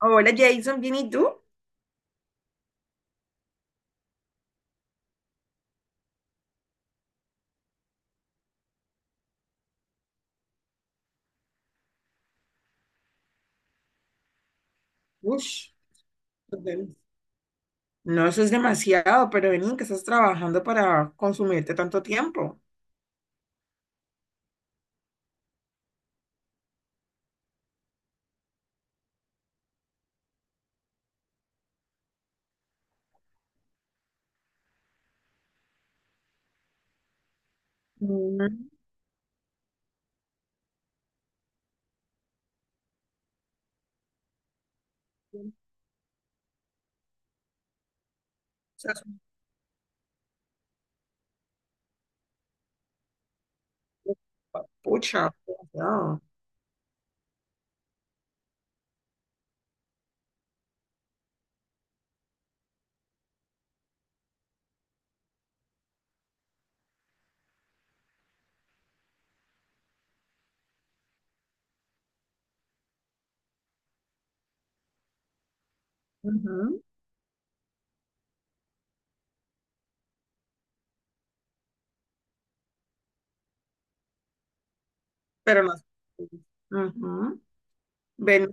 Hola Jason, ¿bien y tú? Ush, del- no, eso es demasiado, pero vení, que estás trabajando para consumirte tanto tiempo. Mm. Eso es un poco pucha, demasiado. Ujú. Pero no. Ujú. Vení.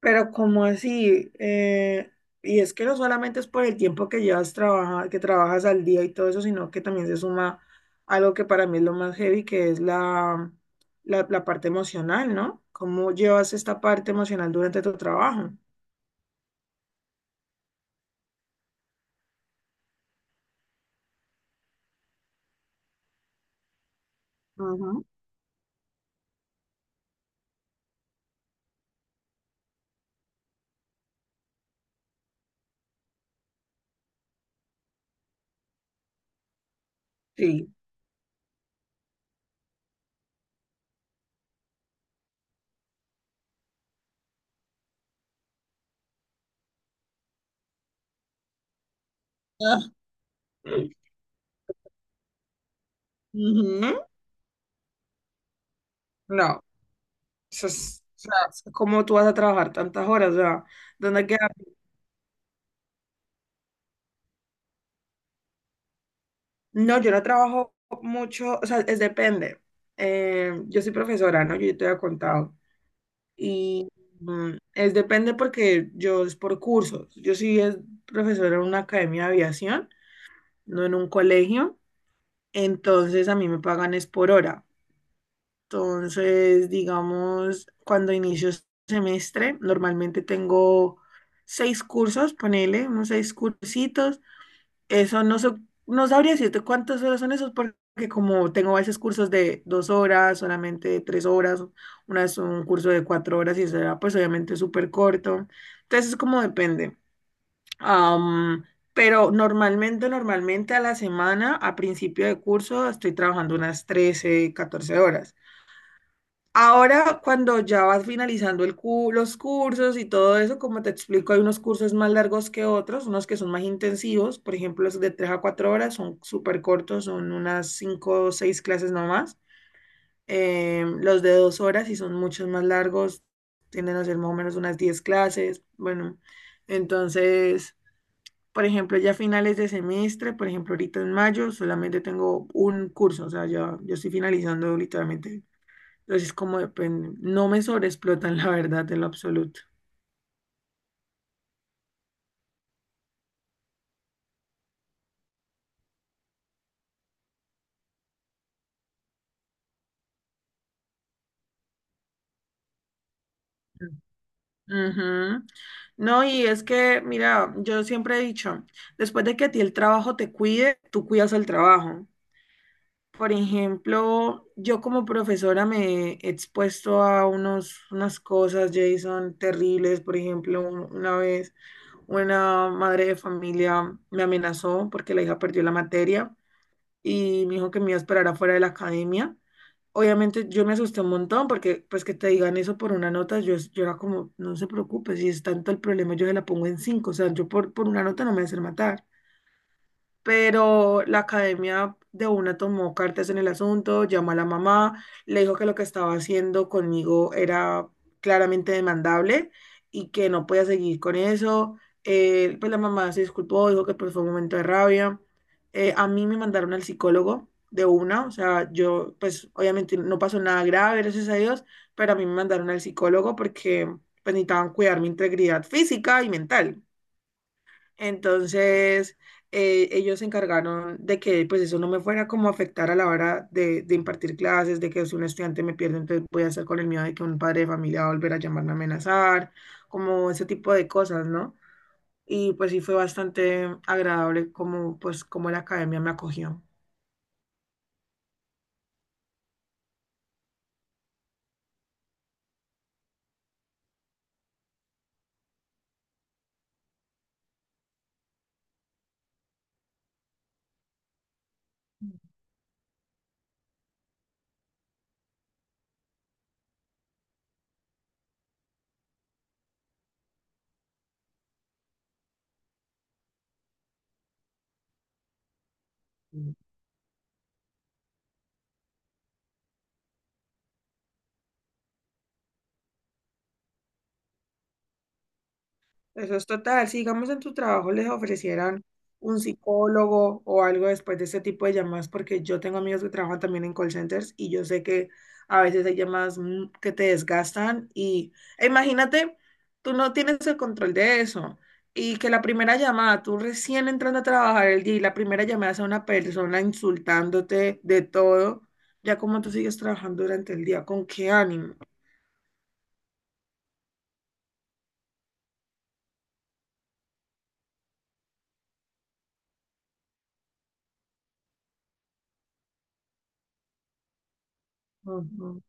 Pero ¿cómo así? Y es que no solamente es por el tiempo que que trabajas al día y todo eso, sino que también se suma algo que para mí es lo más heavy, que es la parte emocional, ¿no? ¿Cómo llevas esta parte emocional durante tu trabajo? Ujú. Sí. Ah. Ujú. No, eso es... O sea, es ¿cómo tú vas a trabajar tantas horas? O sea, ¿dónde queda? No, yo no trabajo mucho, o sea, es depende. Yo soy profesora, ¿no? Yo te había contado. Y mm, es depende porque yo es por cursos. Yo sí es profesora en una academia de aviación, no en un colegio. Entonces a mí me pagan es por hora. Entonces, digamos, cuando inicio semestre, normalmente tengo seis cursos, ponele unos seis cursitos, eso no, no sabría decirte cuántas horas son esos, porque como tengo a veces cursos de 2 horas, solamente de 3 horas, una vez un curso de 4 horas y eso era pues obviamente súper corto. Entonces es como depende. Am, pero normalmente a la semana, a principio de curso, estoy trabajando unas 13, 14 horas. Ahora, cuando ya vas finalizando los cursos y todo eso, como te explico, hay unos cursos más largos que otros, unos que son más intensivos, por ejemplo, los de 3 a 4 horas son súper cortos, son unas 5 o 6 clases nomás. Los de 2 horas y son muchos más largos, tienden a ser más o menos unas 10 clases. Bueno, entonces, por ejemplo, ya finales de semestre, por ejemplo, ahorita en mayo solamente tengo un curso, o sea, ya yo estoy finalizando literalmente. Entonces, como depende, no me sobreexplotan, la verdad, en lo absoluto. Ujú. No, y es que, mira, yo siempre he dicho, después de que a ti el trabajo te cuide, tú cuidas al trabajo. Por ejemplo, yo como profesora me he expuesto a unos, unas cosas, Jason, terribles. Por ejemplo, una vez una madre de familia me amenazó porque la hija perdió la materia y me dijo que me iba a esperar afuera de la academia. Obviamente yo me asusté un montón porque pues que te digan eso por una nota, yo era como, no se preocupe, si es tanto el problema, yo se la pongo en cinco, o sea, yo por una nota no me voy a hacer matar, pero la academia de una tomó cartas en el asunto, llamó a la mamá, le dijo que lo que estaba haciendo conmigo era claramente demandable y que no podía seguir con eso. Pues la mamá se disculpó, dijo que pues, fue un momento de rabia. A mí me mandaron al psicólogo de una, o sea, yo pues obviamente no pasó nada grave, gracias a Dios, pero a mí me mandaron al psicólogo porque pues necesitaban cuidar mi integridad física y mental. Entonces, ellos se encargaron de que pues eso no me fuera como a afectar a la hora de impartir clases, de que si un estudiante me pierde, entonces voy a estar con el miedo de que un padre de familia va a volver a llamarme a amenazar, como ese tipo de cosas, ¿no? Y pues sí fue bastante agradable como pues como la academia me acogió. Eso es total. Si digamos en tu trabajo les ofrecieran un psicólogo o algo después de ese tipo de llamadas, porque yo tengo amigos que trabajan también en call centers y yo sé que a veces hay llamadas que te desgastan y e imagínate, tú no tienes el control de eso y que la primera llamada, tú recién entrando a trabajar el día y la primera llamada sea una persona insultándote de todo, ya como tú sigues trabajando durante el día, ¿con qué ánimo? Ujú.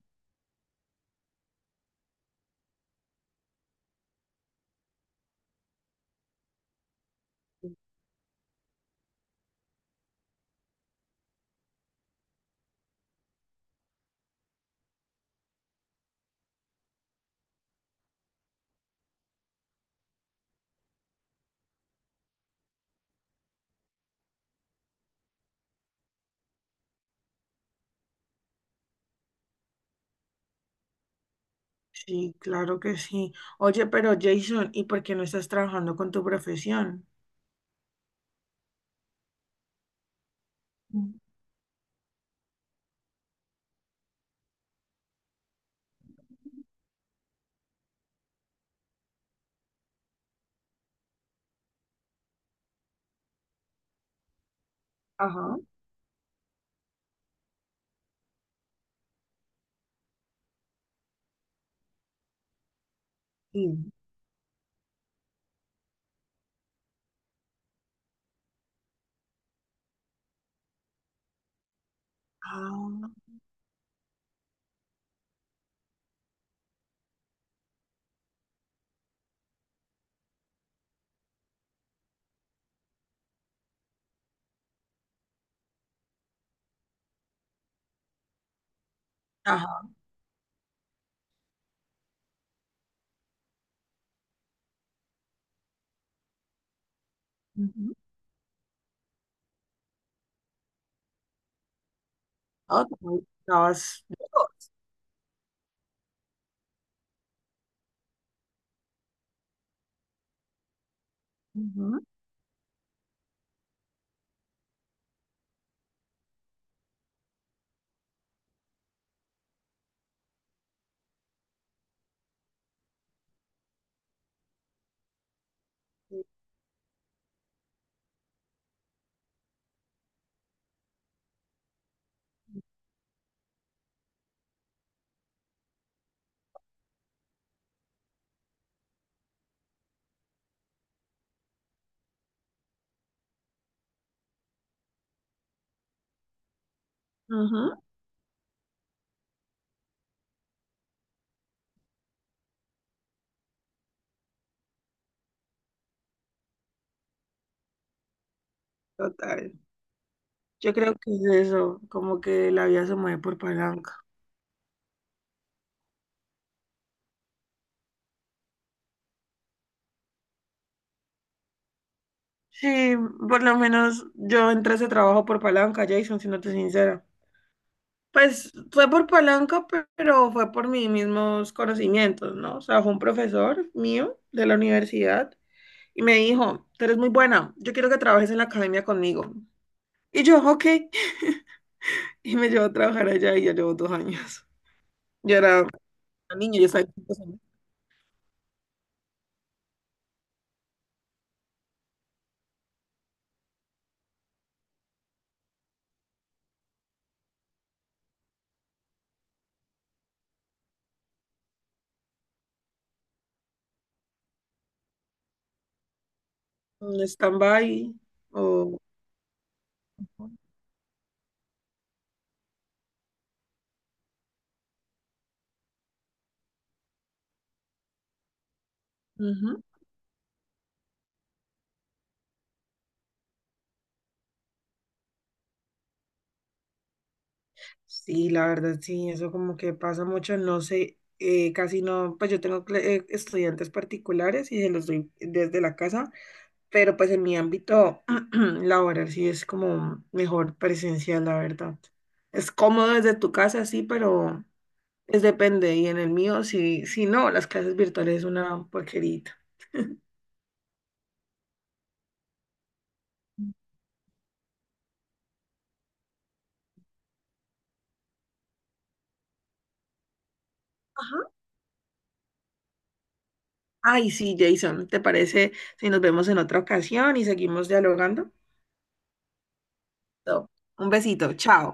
Sí, claro que sí. Oye, pero Jason, ¿y por qué no estás trabajando con tu profesión? Mm. Ajá. Sí. Ah, ajá. Ujú. Ah, ok. Estabas lejos. Ujú. Ujú, total. Yo creo que es eso, como que la vida se mueve por palanca. Sí, por lo menos yo entré a ese trabajo por palanca, Jason, siéndote sincera. Pues fue por palanca, pero fue por mis mismos conocimientos, ¿no? O sea, fue un profesor mío de la universidad y me dijo, tú eres muy buena, yo quiero que trabajes en la academia conmigo. Y yo, ok. Y me llevó a trabajar allá y ya llevo 2 años. Yo era una niña, yo estaba en stand-by. O... Ujú. Sí, la verdad, sí, eso como que pasa mucho, no sé, casi no, pues yo tengo estudiantes particulares y se los doy desde la casa, pero pues en mi ámbito laboral sí es como mejor presencial, la verdad. Es cómodo desde tu casa, sí, pero es depende, y en el mío, si no, las clases virtuales es una porquerita. Ajá. Ay, sí, Jason, ¿te parece si nos vemos en otra ocasión y seguimos dialogando? No. Un besito, chao.